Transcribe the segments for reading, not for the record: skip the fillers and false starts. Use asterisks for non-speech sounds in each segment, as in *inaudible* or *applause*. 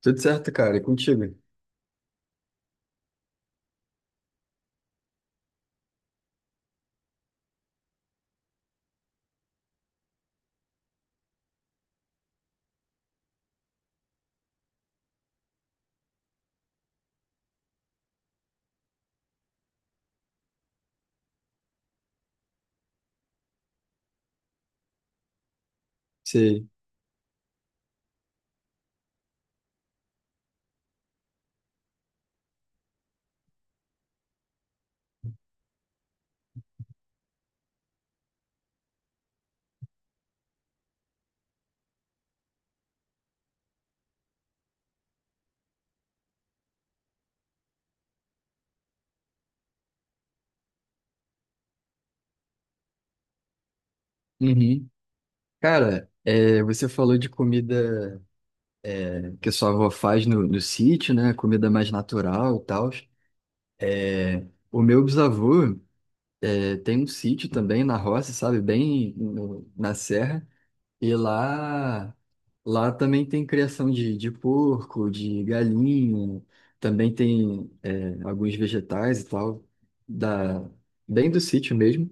Tudo certo, cara? E contigo? Sei. Uhum. Cara, você falou de comida que sua avó faz no sítio, né? Comida mais natural e tal. O meu bisavô tem um sítio também na roça, sabe? Bem na serra. E lá, lá também tem criação de porco, de galinha, também tem alguns vegetais e tal, da, bem do sítio mesmo.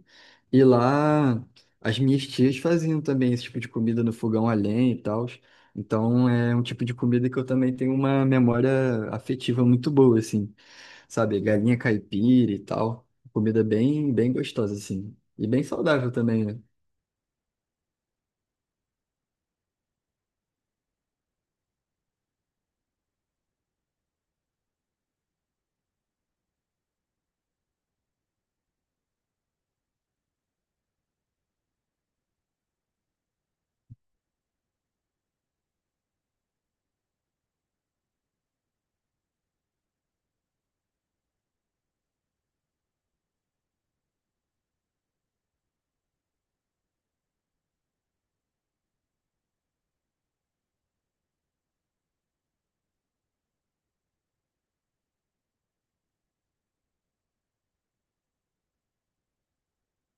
E lá as minhas tias faziam também esse tipo de comida no fogão a lenha e tal. Então é um tipo de comida que eu também tenho uma memória afetiva muito boa, assim, sabe? Galinha caipira e tal. Comida bem, bem gostosa, assim. E bem saudável também, né?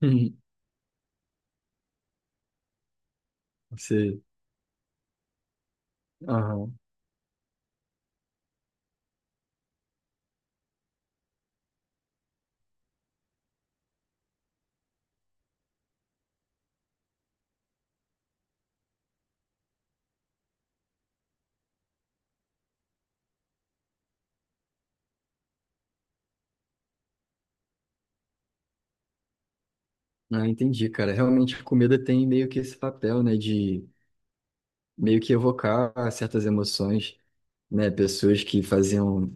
*laughs* Você. Aham. Ah, entendi, cara. Realmente, a comida tem meio que esse papel, né, de meio que evocar certas emoções, né? Pessoas que faziam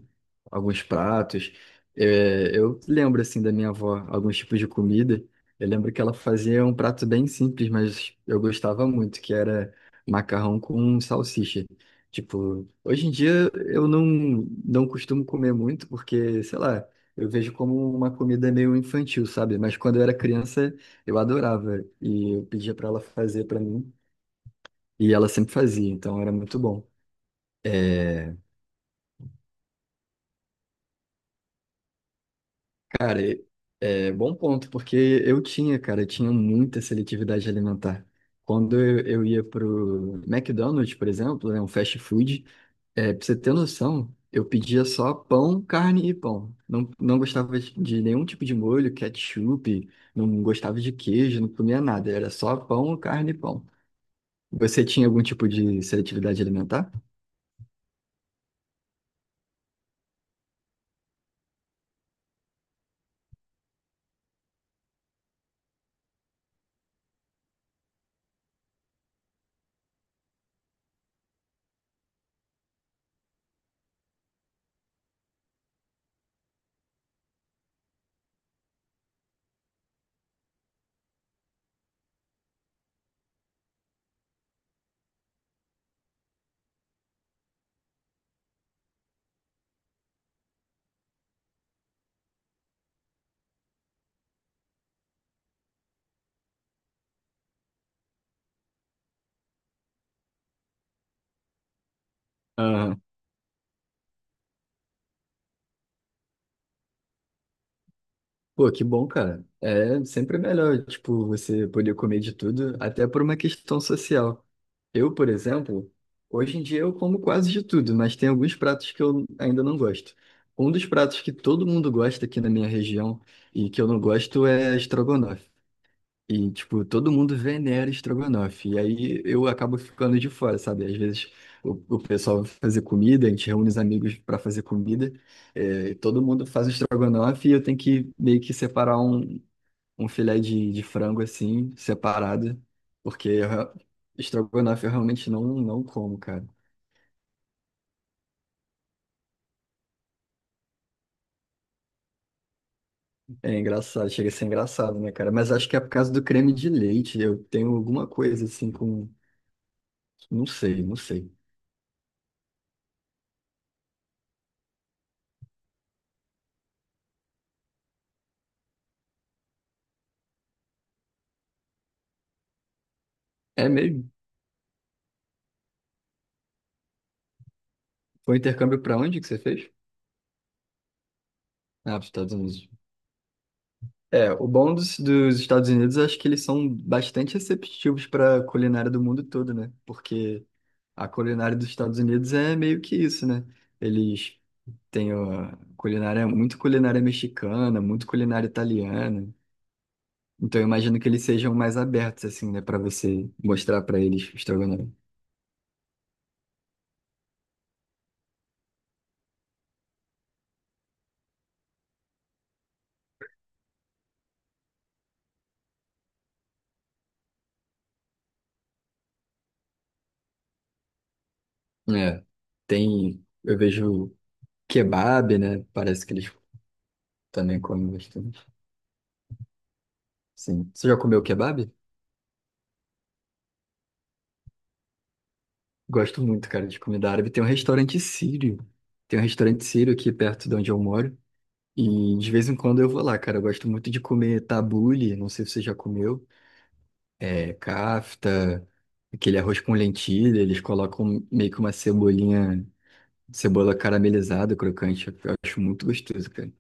alguns pratos. Eu lembro, assim, da minha avó, alguns tipos de comida. Eu lembro que ela fazia um prato bem simples, mas eu gostava muito, que era macarrão com salsicha. Tipo, hoje em dia eu não, não costumo comer muito, porque, sei lá, eu vejo como uma comida meio infantil, sabe? Mas quando eu era criança, eu adorava. E eu pedia para ela fazer para mim, e ela sempre fazia, então era muito bom. É, cara, é bom ponto, porque eu tinha, cara, eu tinha muita seletividade alimentar. Quando eu ia pro McDonald's, por exemplo, né, um fast food, pra você ter noção, eu pedia só pão, carne e pão. Não gostava de nenhum tipo de molho, ketchup, não gostava de queijo, não comia nada, era só pão, carne e pão. Você tinha algum tipo de seletividade alimentar? Pô, que bom, cara. É sempre melhor, tipo, você poder comer de tudo, até por uma questão social. Eu, por exemplo, hoje em dia eu como quase de tudo, mas tem alguns pratos que eu ainda não gosto. Um dos pratos que todo mundo gosta aqui na minha região e que eu não gosto é estrogonofe. E, tipo, todo mundo venera estrogonofe. E aí eu acabo ficando de fora, sabe? Às vezes o pessoal vai fazer comida, a gente reúne os amigos para fazer comida, e todo mundo faz o estrogonofe e eu tenho que meio que separar um, um filé de frango assim, separado, porque estrogonofe eu realmente não como, cara. É engraçado, chega a ser engraçado, né, cara? Mas acho que é por causa do creme de leite. Eu tenho alguma coisa assim com. Não sei, não sei. É mesmo? Foi um intercâmbio pra onde que você fez? Ah, pros Estados Unidos. É, o bom dos Estados Unidos, eu acho que eles são bastante receptivos para a culinária do mundo todo, né? Porque a culinária dos Estados Unidos é meio que isso, né? Eles têm ó, culinária, muito culinária mexicana, muito culinária italiana. Então eu imagino que eles sejam mais abertos, assim, né? Para você mostrar para eles o estrogonofe. É, tem, eu vejo kebab, né? Parece que eles também comem bastante. Sim. Você já comeu kebab? Gosto muito, cara, de comida árabe. Tem um restaurante sírio. Tem um restaurante sírio aqui perto de onde eu moro. E de vez em quando eu vou lá, cara. Eu gosto muito de comer tabule, não sei se você já comeu. É, kafta, aquele arroz com lentilha. Eles colocam meio que uma cebolinha, cebola caramelizada, crocante. Eu acho muito gostoso, cara.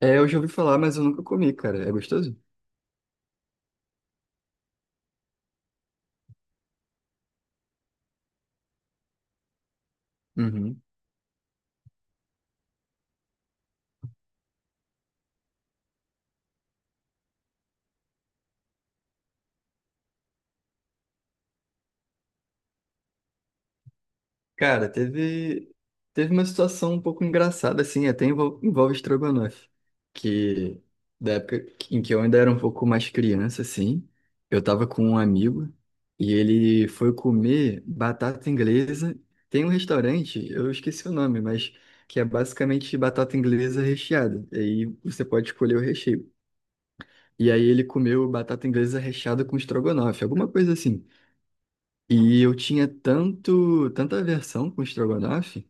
É, eu já ouvi falar, mas eu nunca comi, cara. É gostoso? Uhum. Cara, teve, teve uma situação um pouco engraçada, assim, envolve estrogonofe, que da época em que eu ainda era um pouco mais criança, assim, eu tava com um amigo e ele foi comer batata inglesa. Tem um restaurante, eu esqueci o nome, mas que é basicamente batata inglesa recheada. E aí você pode escolher o recheio. E aí ele comeu batata inglesa recheada com estrogonofe, alguma coisa assim. E eu tinha tanto, tanta aversão com estrogonofe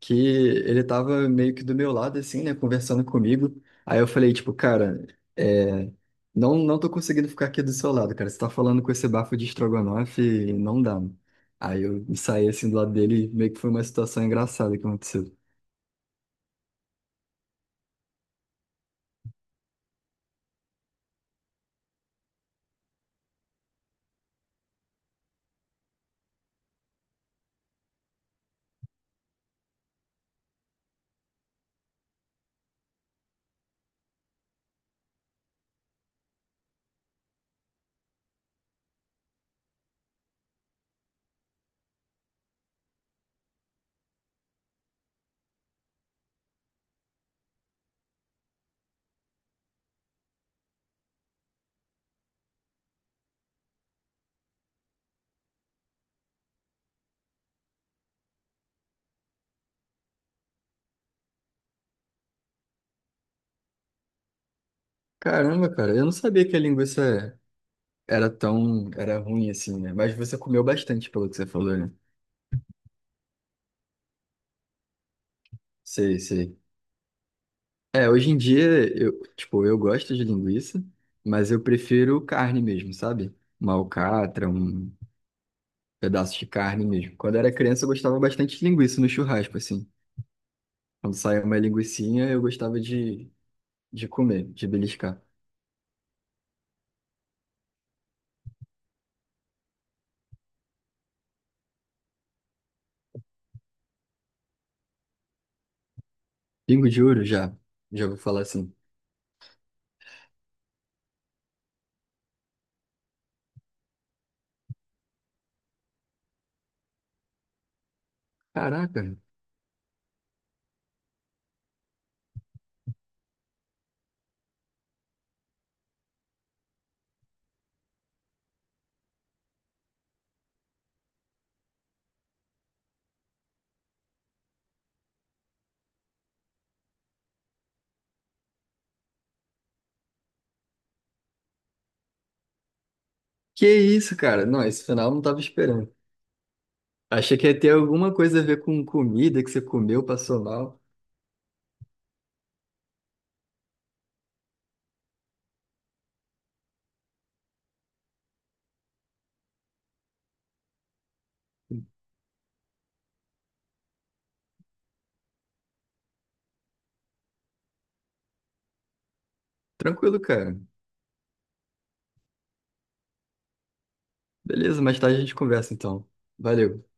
que ele tava meio que do meu lado, assim, né, conversando comigo. Aí eu falei, tipo, cara, é, não tô conseguindo ficar aqui do seu lado, cara. Você tá falando com esse bafo de estrogonofe e não dá, mano. Aí eu saí, assim, do lado dele e meio que foi uma situação engraçada que aconteceu. Caramba, cara, eu não sabia que a linguiça era tão, era ruim assim, né? Mas você comeu bastante, pelo que você falou, né? Sei, sei. É, hoje em dia, tipo, eu gosto de linguiça, mas eu prefiro carne mesmo, sabe? Uma alcatra, um pedaço de carne mesmo. Quando eu era criança, eu gostava bastante de linguiça no churrasco, assim. Quando saía uma linguicinha, eu gostava de comer, de beliscar. Pingo de ouro, já. Já vou falar assim. Caraca, que isso, cara? Não, esse final eu não tava esperando. Achei que ia ter alguma coisa a ver com comida que você comeu, passou mal. Tranquilo, cara. Beleza, mais tarde a gente conversa, então. Valeu.